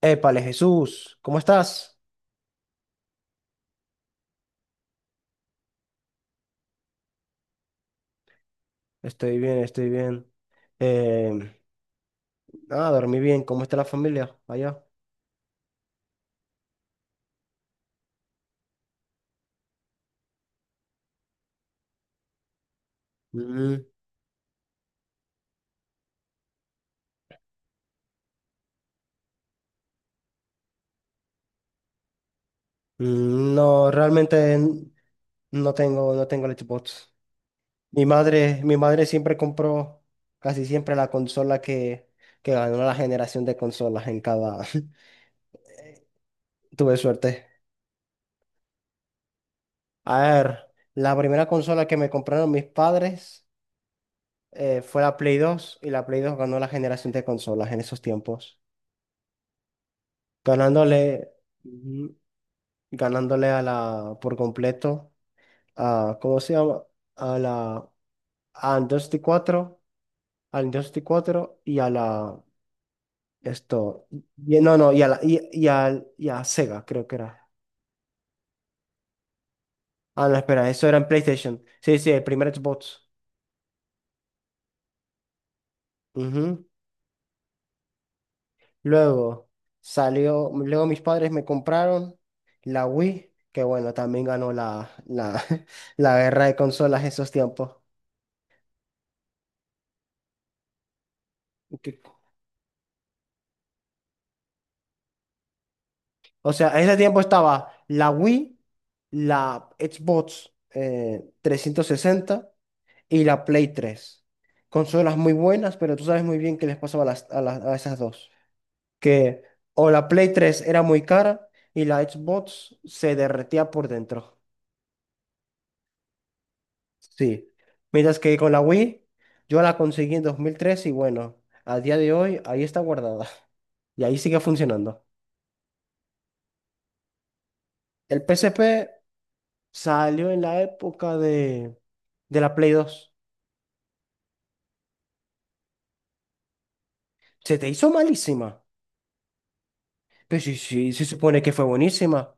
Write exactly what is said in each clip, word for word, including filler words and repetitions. Épale, Jesús, ¿cómo estás? Estoy bien, estoy bien. Em, ah, dormí bien. ¿Cómo está la familia allá? Mm, mm, no, realmente n- no tengo, no tengo Xbox. Mi madre, mi madre siempre compró, casi siempre, la consola que, que ganó la generación de consolas en cada. Tuve suerte. A ver, la primera consola que me compraron mis padres, eh, fue la Play dos, y la Play dos ganó la generación de consolas en esos tiempos. Ganándole, ujú, ganándole a la, por completo, a, ¿cómo se llama? A la, a Industry cuatro al Industry cuatro, y a la, esto, y- no, no, y a la, y, y al- y a Sega, creo que era. Ah, no, espera, eso era en PlayStation. Sí, sí, el primer Xbox. Ujú. Luego salió, luego mis padres me compraron la Wii, que bueno, también ganó la, la, la guerra de consolas esos tiempos. O sea, en ese tiempo estaba la Wii, la Xbox, eh, trescientos sesenta, y la Play tres. Consolas muy buenas, pero tú sabes muy bien qué les pasaba a, las- a las- a esas dos. Que o la Play tres era muy cara, y la Xbox se derretía por dentro. Sí. Mientras que con la Wii, yo la conseguí en dos mil tres y, bueno, a día de hoy ahí está guardada. Y ahí sigue funcionando. El P S P salió en la época de, de la Play dos. Se te hizo malísima. Pero sí, sí, se supone que fue buenísima.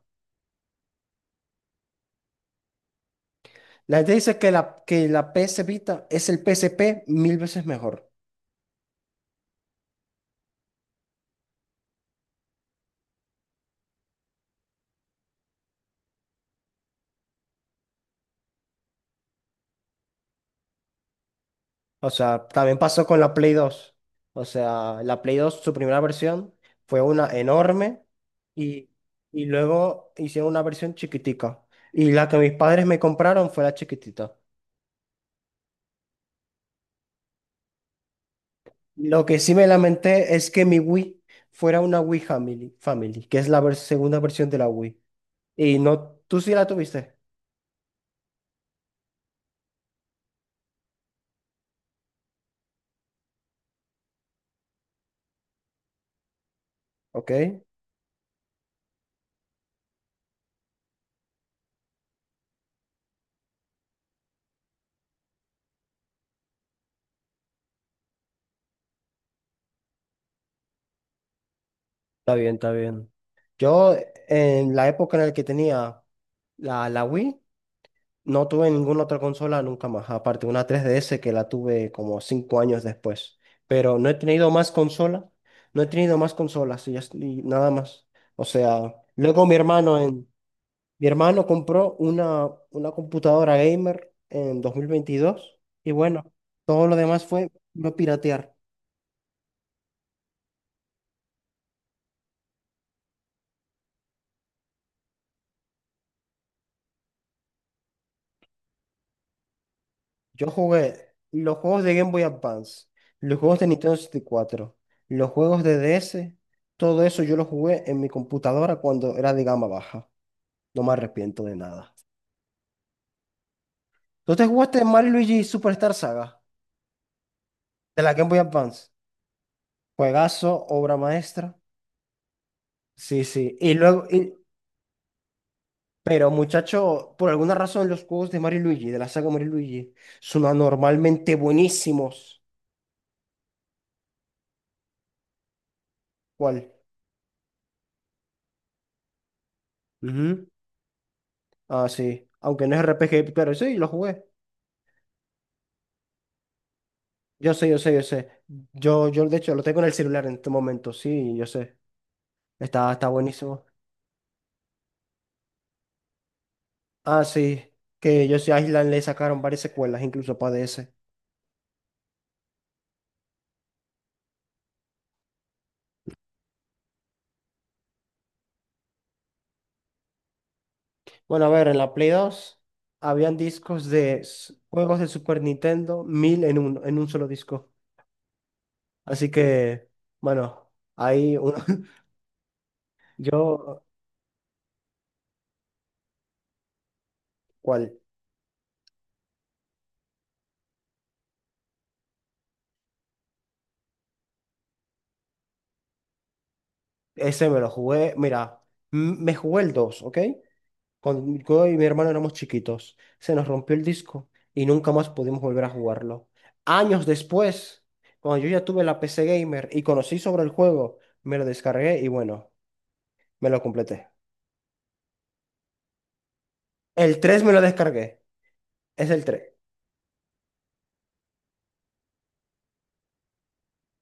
La gente dice que la, que la P S Vita es el P S P mil veces mejor. O sea, también pasó con la Play dos. O sea, la Play dos, su primera versión, fue una enorme, y, y luego hicieron una versión chiquitica. Y la que mis padres me compraron fue la chiquitita. Lo que sí me lamenté es que mi Wii fuera una Wii Family, Family, que es la vers- segunda versión de la Wii. Y no, tú sí la tuviste. Ok, está bien, está bien. Yo, en la época en la que tenía la, la Wii, no tuve ninguna otra consola nunca más, aparte de una tres D S, que la tuve como cinco años después. Pero no he tenido más consola, no he tenido más consolas, y, ya es- y nada más. O sea, luego mi hermano en. Mi hermano compró una, una computadora gamer en dos mil veintidós y, bueno, todo lo demás fue no piratear. Yo jugué los juegos de Game Boy Advance, los juegos de Nintendo sesenta y cuatro, los juegos de D S, todo eso yo lo jugué en mi computadora cuando era de gama baja. No me arrepiento de nada. ¿Tú te jugaste Mario y Luigi Superstar Saga de la Game Boy Advance? Juegazo, obra maestra. Sí, sí. Y luego, y, pero muchacho, por alguna razón los juegos de Mario y Luigi, de la saga Mario y Luigi, son anormalmente buenísimos. ¿Cuál? Ujú. Ah, sí. Aunque no es R P G, claro, sí, lo jugué. Yo sé, yo sé, yo sé. Yo, yo de hecho lo tengo en el celular en este momento, sí, yo sé. Está, está buenísimo. Ah, sí. Que yo sé, Island, le sacaron varias secuelas, incluso para D S. Bueno, a ver, en la Play dos habían discos de s- juegos de Super Nintendo, mil en uno, en un solo disco. Así que, bueno, ahí uno. yo, ¿cuál? Ese me lo jugué, mira, m- me jugué el dos, ¿ok? Con, yo y mi hermano éramos chiquitos, se nos rompió el disco y nunca más pudimos volver a jugarlo. Años después, cuando yo ya tuve la P C Gamer y conocí sobre el juego, me lo descargué y, bueno, me lo completé. El tres me lo descargué, es el tres.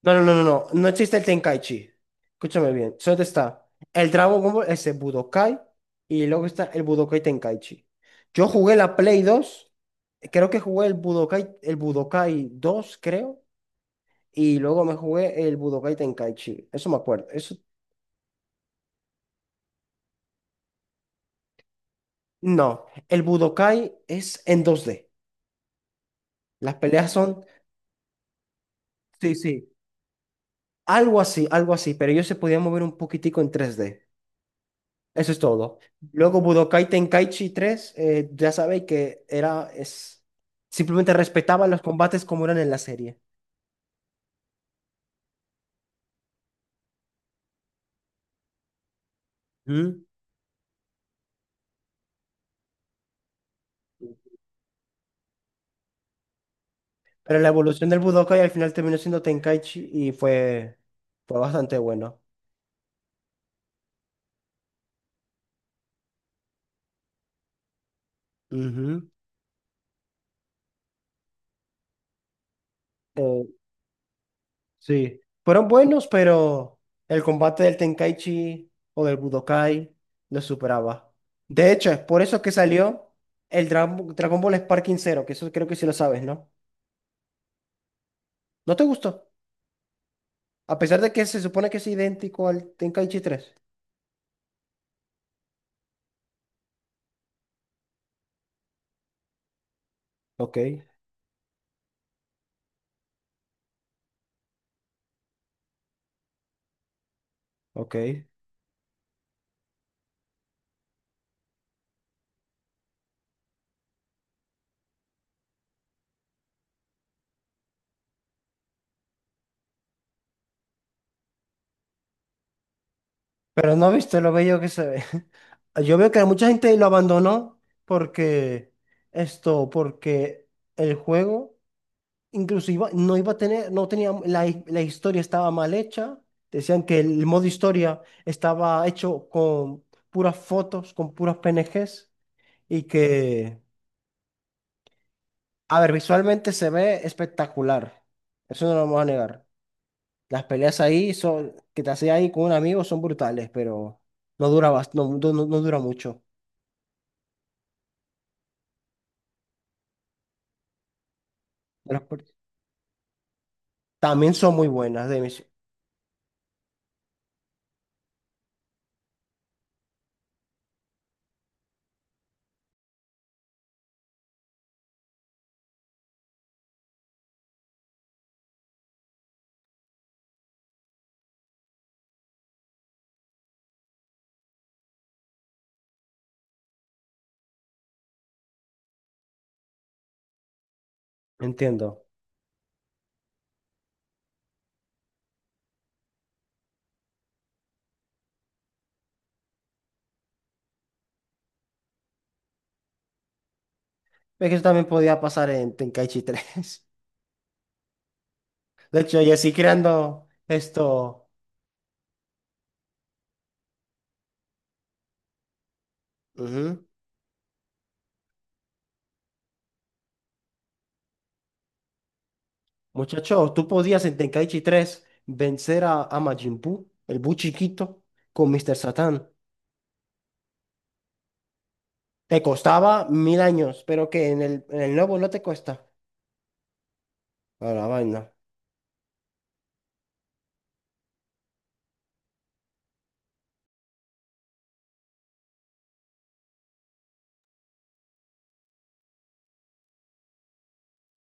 No, no, no, no, no. No existe el Tenkaichi. Escúchame bien. Solo está el Dragon Ball, ese Budokai, y luego está el Budokai Tenkaichi. Yo jugué la Play dos, creo que jugué el Budokai, el Budokai dos, creo, y luego me jugué el Budokai Tenkaichi. Eso me acuerdo. Eso... No, el Budokai es en dos D. Las peleas son, sí, sí, algo así, algo así, pero ellos se podían mover un poquitico en tres D. Eso es todo. Luego Budokai Tenkaichi tres, eh, ya sabéis que era, es, simplemente respetaba los combates como eran en la serie. ¿Mm? Pero la evolución del Budokai al final terminó siendo Tenkaichi y fue, fue bastante bueno. Ujú. Eh, sí, fueron buenos, pero el combate del Tenkaichi o del Budokai lo superaba. De hecho, es por eso que salió el Dra- Dragon Ball Sparking Zero, que eso creo que sí lo sabes, ¿no? ¿No te gustó? A pesar de que se supone que es idéntico al Tenkaichi tres. Ok, ok. Pero no viste lo bello que se ve. Yo veo que mucha gente lo abandonó porque esto, porque el juego, inclusive, no iba a tener, no tenía, la, hi- la historia estaba mal hecha. Decían que el modo historia estaba hecho con puras fotos, con puras P N Gs y que, a ver, visualmente se ve espectacular. Eso no lo vamos a negar. Las peleas ahí son, que te haces ahí con un amigo, son brutales, pero no dura, bast- no, no, no- no dura mucho. De las per- También son muy buenas, de mis- entiendo. Es que eso también podía pasar en Tenkaichi tres. De hecho, yo sí creando esto. Ujú. Muchacho, tú podías en Tenkaichi tres vencer a, a Majin Buu, el Bu chiquito, con míster Satan. Te costaba mil años, pero que en el, en el nuevo no te cuesta. A la vaina.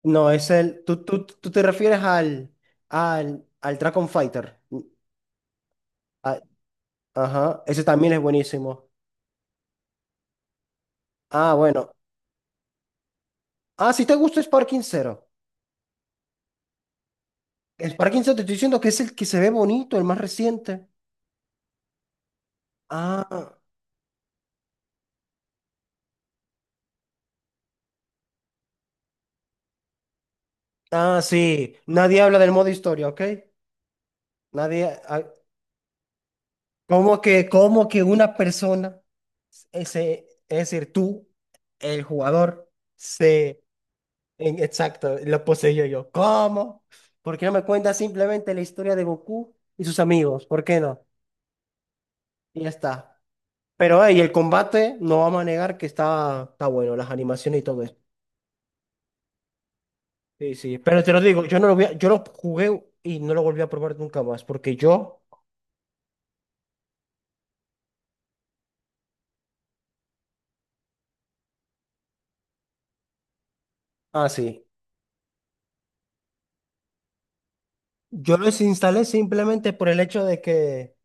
No, es el. Tú, tú, tú te refieres al, al, al Dragon Fighter. Ah, ajá, ese también es buenísimo. Ah, bueno. Ah, si te gusta Sparking Zero. Sparking Zero te estoy diciendo que es el que se ve bonito, el más reciente. Ah, ah, sí. Nadie habla del modo historia, ¿ok? Nadie. ah, ¿Cómo que, cómo que una persona, ese, es decir, tú, el jugador, se En- exacto, lo poseía yo? ¿Cómo? ¿Por qué no me cuenta simplemente la historia de Goku y sus amigos? ¿Por qué no? Y ya está. Pero, hey, el combate no vamos a negar que está, está bueno, las animaciones y todo eso. Sí, sí. Pero te lo digo, yo no lo voy a- yo lo jugué y no lo volví a probar nunca más, porque yo, ah, sí, yo los instalé simplemente por el hecho de que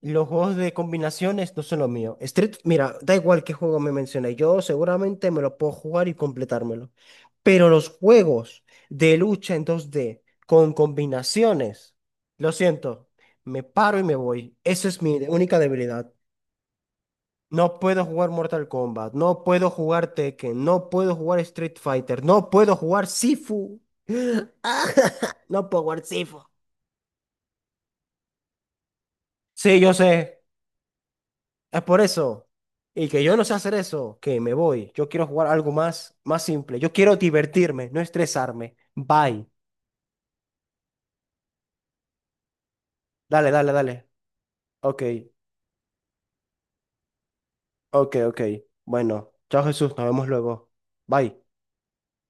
los juegos de combinaciones no son lo mío. Street, mira, da igual qué juego me menciones, yo seguramente me lo puedo jugar y completármelo. Pero los juegos de lucha en dos d con combinaciones, lo siento, me paro y me voy. Esa es mi única debilidad. No puedo jugar Mortal Kombat, no puedo jugar Tekken, no puedo jugar Street Fighter, no puedo jugar Sifu. Ah, no puedo jugar Sifu. Sí, yo sé. Es por eso. Y que yo no sé hacer eso, que me voy. Yo quiero jugar algo más, más simple. Yo quiero divertirme, no estresarme. Bye. Dale, dale, dale. Ok, ok, ok. Bueno, chao Jesús, nos vemos luego. Bye.